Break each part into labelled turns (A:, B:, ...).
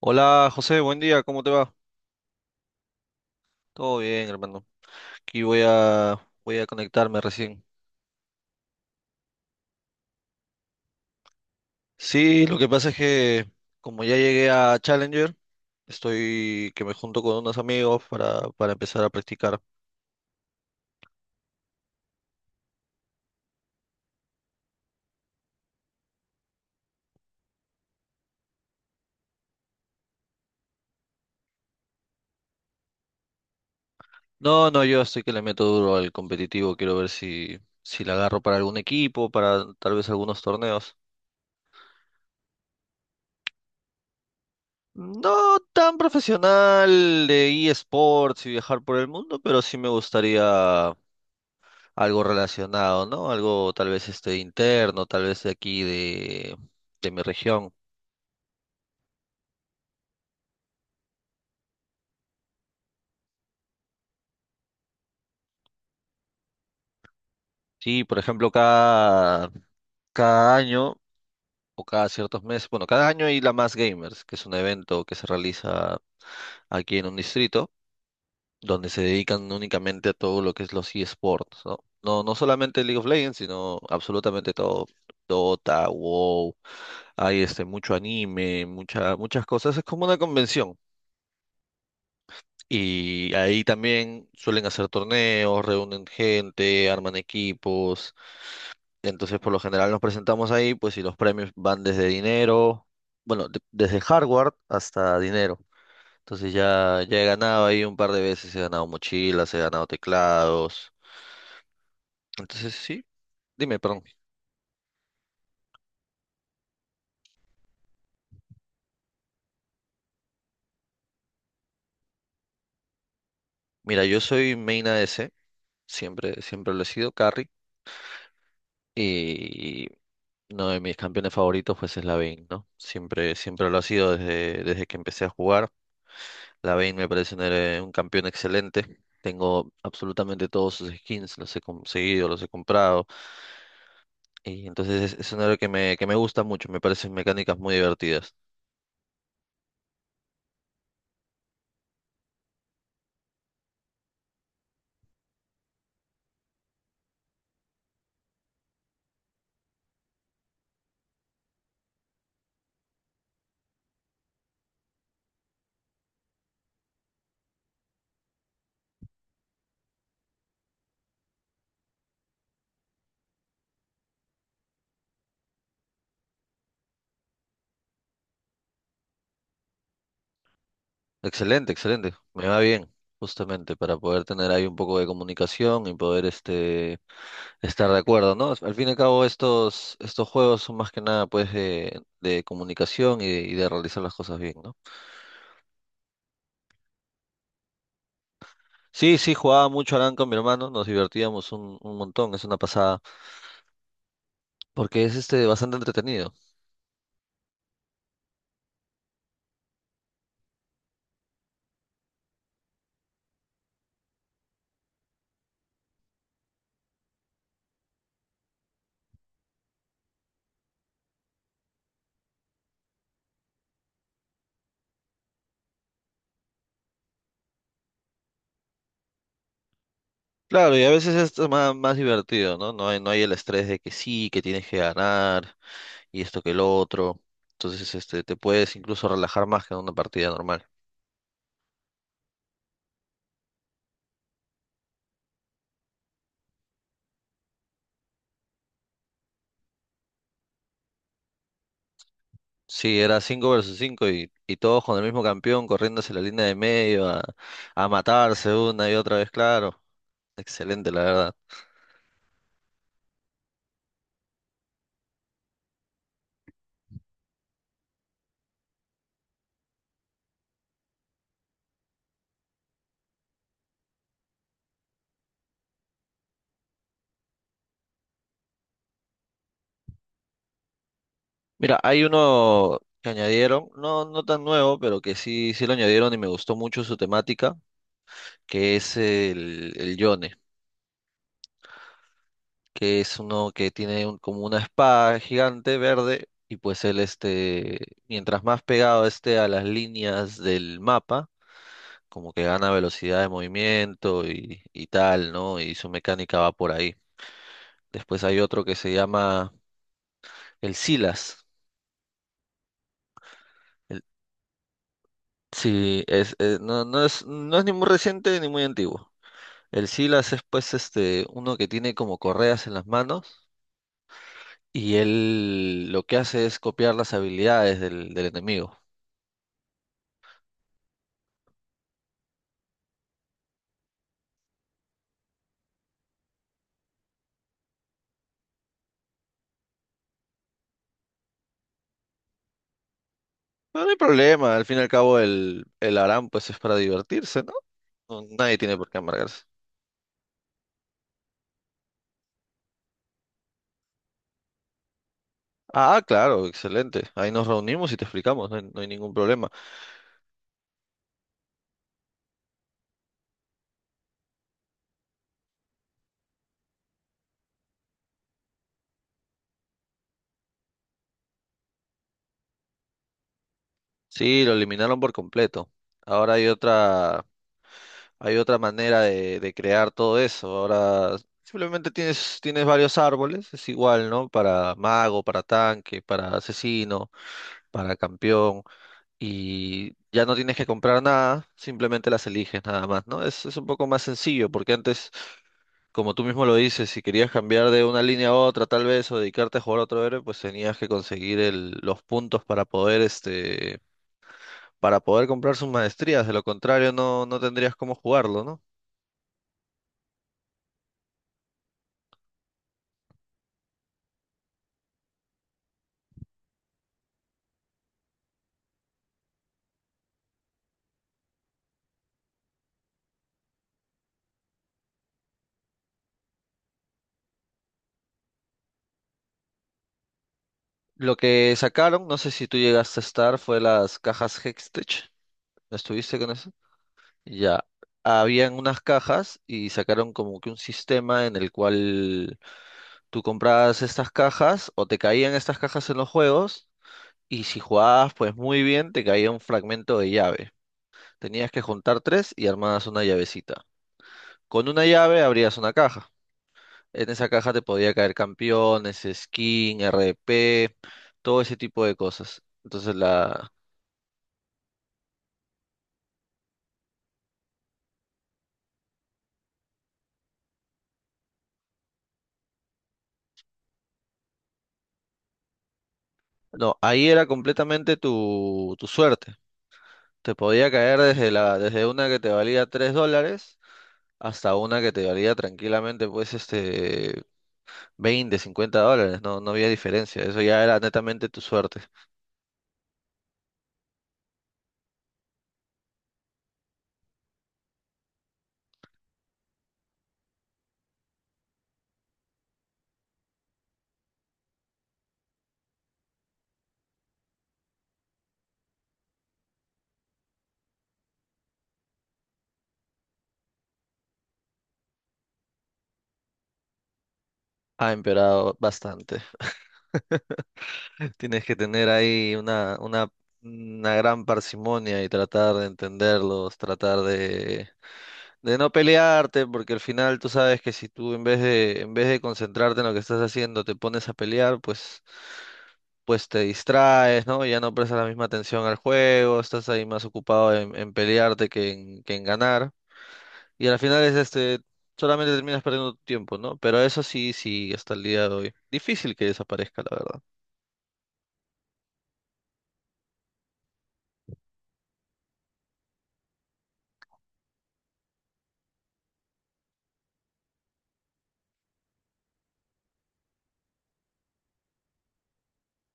A: Hola José, buen día, ¿cómo te va? Todo bien, hermano. Aquí voy a conectarme recién. Sí, lo que pasa es que como ya llegué a Challenger, estoy que me junto con unos amigos para empezar a practicar. No, no, yo estoy que le meto duro al competitivo, quiero ver si la agarro para algún equipo, para tal vez algunos torneos. No tan profesional de eSports y viajar por el mundo, pero sí me gustaría algo relacionado, ¿no? Algo tal vez este interno, tal vez de mi región. Sí, por ejemplo, cada, cada año o cada ciertos meses, bueno, cada año hay la Más Gamers, que es un evento que se realiza aquí en un distrito, donde se dedican únicamente a todo lo que es los eSports, ¿no? No, no solamente League of Legends, sino absolutamente todo. Dota, WoW, hay mucho anime, muchas cosas. Es como una convención. Y ahí también suelen hacer torneos, reúnen gente, arman equipos. Entonces, por lo general nos presentamos ahí, pues, y los premios van desde dinero, bueno, desde hardware hasta dinero. Entonces ya he ganado ahí un par de veces, he ganado mochilas, he ganado teclados. Entonces, sí, dime, perdón. Mira, yo soy main ADC, siempre, siempre lo he sido, carry, y uno de mis campeones favoritos, pues, es la Vayne, ¿no? Siempre, siempre lo ha sido desde que empecé a jugar. Lavine me parece un campeón excelente. Tengo absolutamente todos sus skins, los he conseguido, los he comprado. Y entonces es un héroe que me gusta mucho, me parecen mecánicas muy divertidas. Excelente, excelente. Me va bien, justamente, para poder tener ahí un poco de comunicación y poder estar de acuerdo, ¿no? Al fin y al cabo, estos juegos son más que nada pues de comunicación y de realizar las cosas bien, ¿no? Sí, sí, jugaba mucho Arán con mi hermano, nos divertíamos un montón, es una pasada. Porque es este bastante entretenido. Claro, y a veces esto es más divertido, ¿no? No hay el estrés de que sí, que tienes que ganar y esto que el otro. Entonces, este, te puedes incluso relajar más que en una partida normal. Sí, era 5 versus 5 y todos con el mismo campeón corriendo hacia la línea de medio a matarse una y otra vez, claro. Excelente, la verdad. Mira, hay uno que añadieron, no, no tan nuevo, pero que sí, sí lo añadieron y me gustó mucho su temática, que es el Yone. Que es uno que tiene como una espada gigante verde y pues él este, mientras más pegado esté a las líneas del mapa, como que gana velocidad de movimiento y tal, ¿no? Y su mecánica va por ahí. Después hay otro que se llama el Silas. El- sí, no, no es ni muy reciente ni muy antiguo. El Silas es pues este, uno que tiene como correas en las manos y él lo que hace es copiar las habilidades del enemigo. No, no hay problema, al fin y al cabo el Aram pues es para divertirse, ¿no? No, nadie tiene por qué amargarse. Ah, claro, excelente. Ahí nos reunimos y te explicamos, no hay ningún problema. Sí, lo eliminaron por completo. Ahora hay otra manera de crear todo eso. Ahora simplemente tienes varios árboles, es igual, ¿no? Para mago, para tanque, para asesino, para campeón. Y ya no tienes que comprar nada, simplemente las eliges nada más, ¿no? Es un poco más sencillo porque antes, como tú mismo lo dices, si querías cambiar de una línea a otra, tal vez, o dedicarte a jugar a otro héroe, pues tenías que conseguir los puntos para poder, este, para poder comprar sus maestrías. De lo contrario, no, no tendrías cómo jugarlo, ¿no? Lo que sacaron, no sé si tú llegaste a estar, fue las cajas Hextech. ¿No estuviste con eso? Ya. Habían unas cajas y sacaron como que un sistema en el cual tú comprabas estas cajas o te caían estas cajas en los juegos y si jugabas pues muy bien te caía un fragmento de llave. Tenías que juntar tres y armabas una llavecita. Con una llave abrías una caja. En esa caja te podía caer campeones, skin, RP, todo ese tipo de cosas. Entonces la... No, ahí era completamente tu suerte. Te podía caer desde una que te valía $3 hasta una que te valía tranquilamente pues este $20, $50. No, no había diferencia. Eso ya era netamente tu suerte. Ha empeorado bastante. Tienes que tener ahí una gran parsimonia y tratar de entenderlos, tratar de no pelearte, porque al final tú sabes que si tú en vez de concentrarte en lo que estás haciendo, te pones a pelear, pues, pues te distraes, ¿no? Ya no prestas la misma atención al juego, estás ahí más ocupado en pelearte que en ganar. Y al final es este, solamente terminas perdiendo tu tiempo, ¿no? Pero eso sí, sí, hasta el día de hoy. Difícil que desaparezca, la verdad.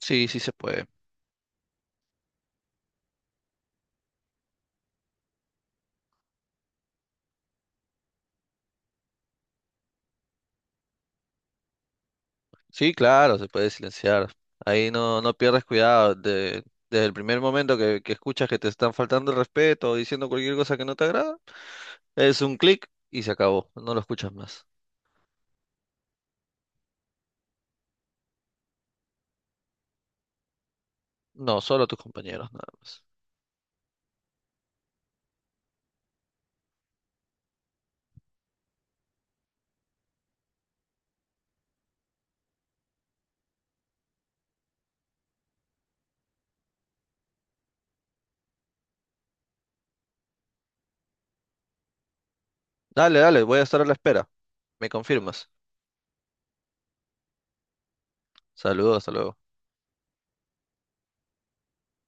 A: Sí, sí se puede. Sí, claro, se puede silenciar. Ahí no, no pierdes cuidado. Desde el primer momento que escuchas que te están faltando el respeto o diciendo cualquier cosa que no te agrada, es un clic y se acabó. No lo escuchas más. No, solo tus compañeros, nada más. Dale, dale, voy a estar a la espera. Me confirmas. Saludos, hasta luego.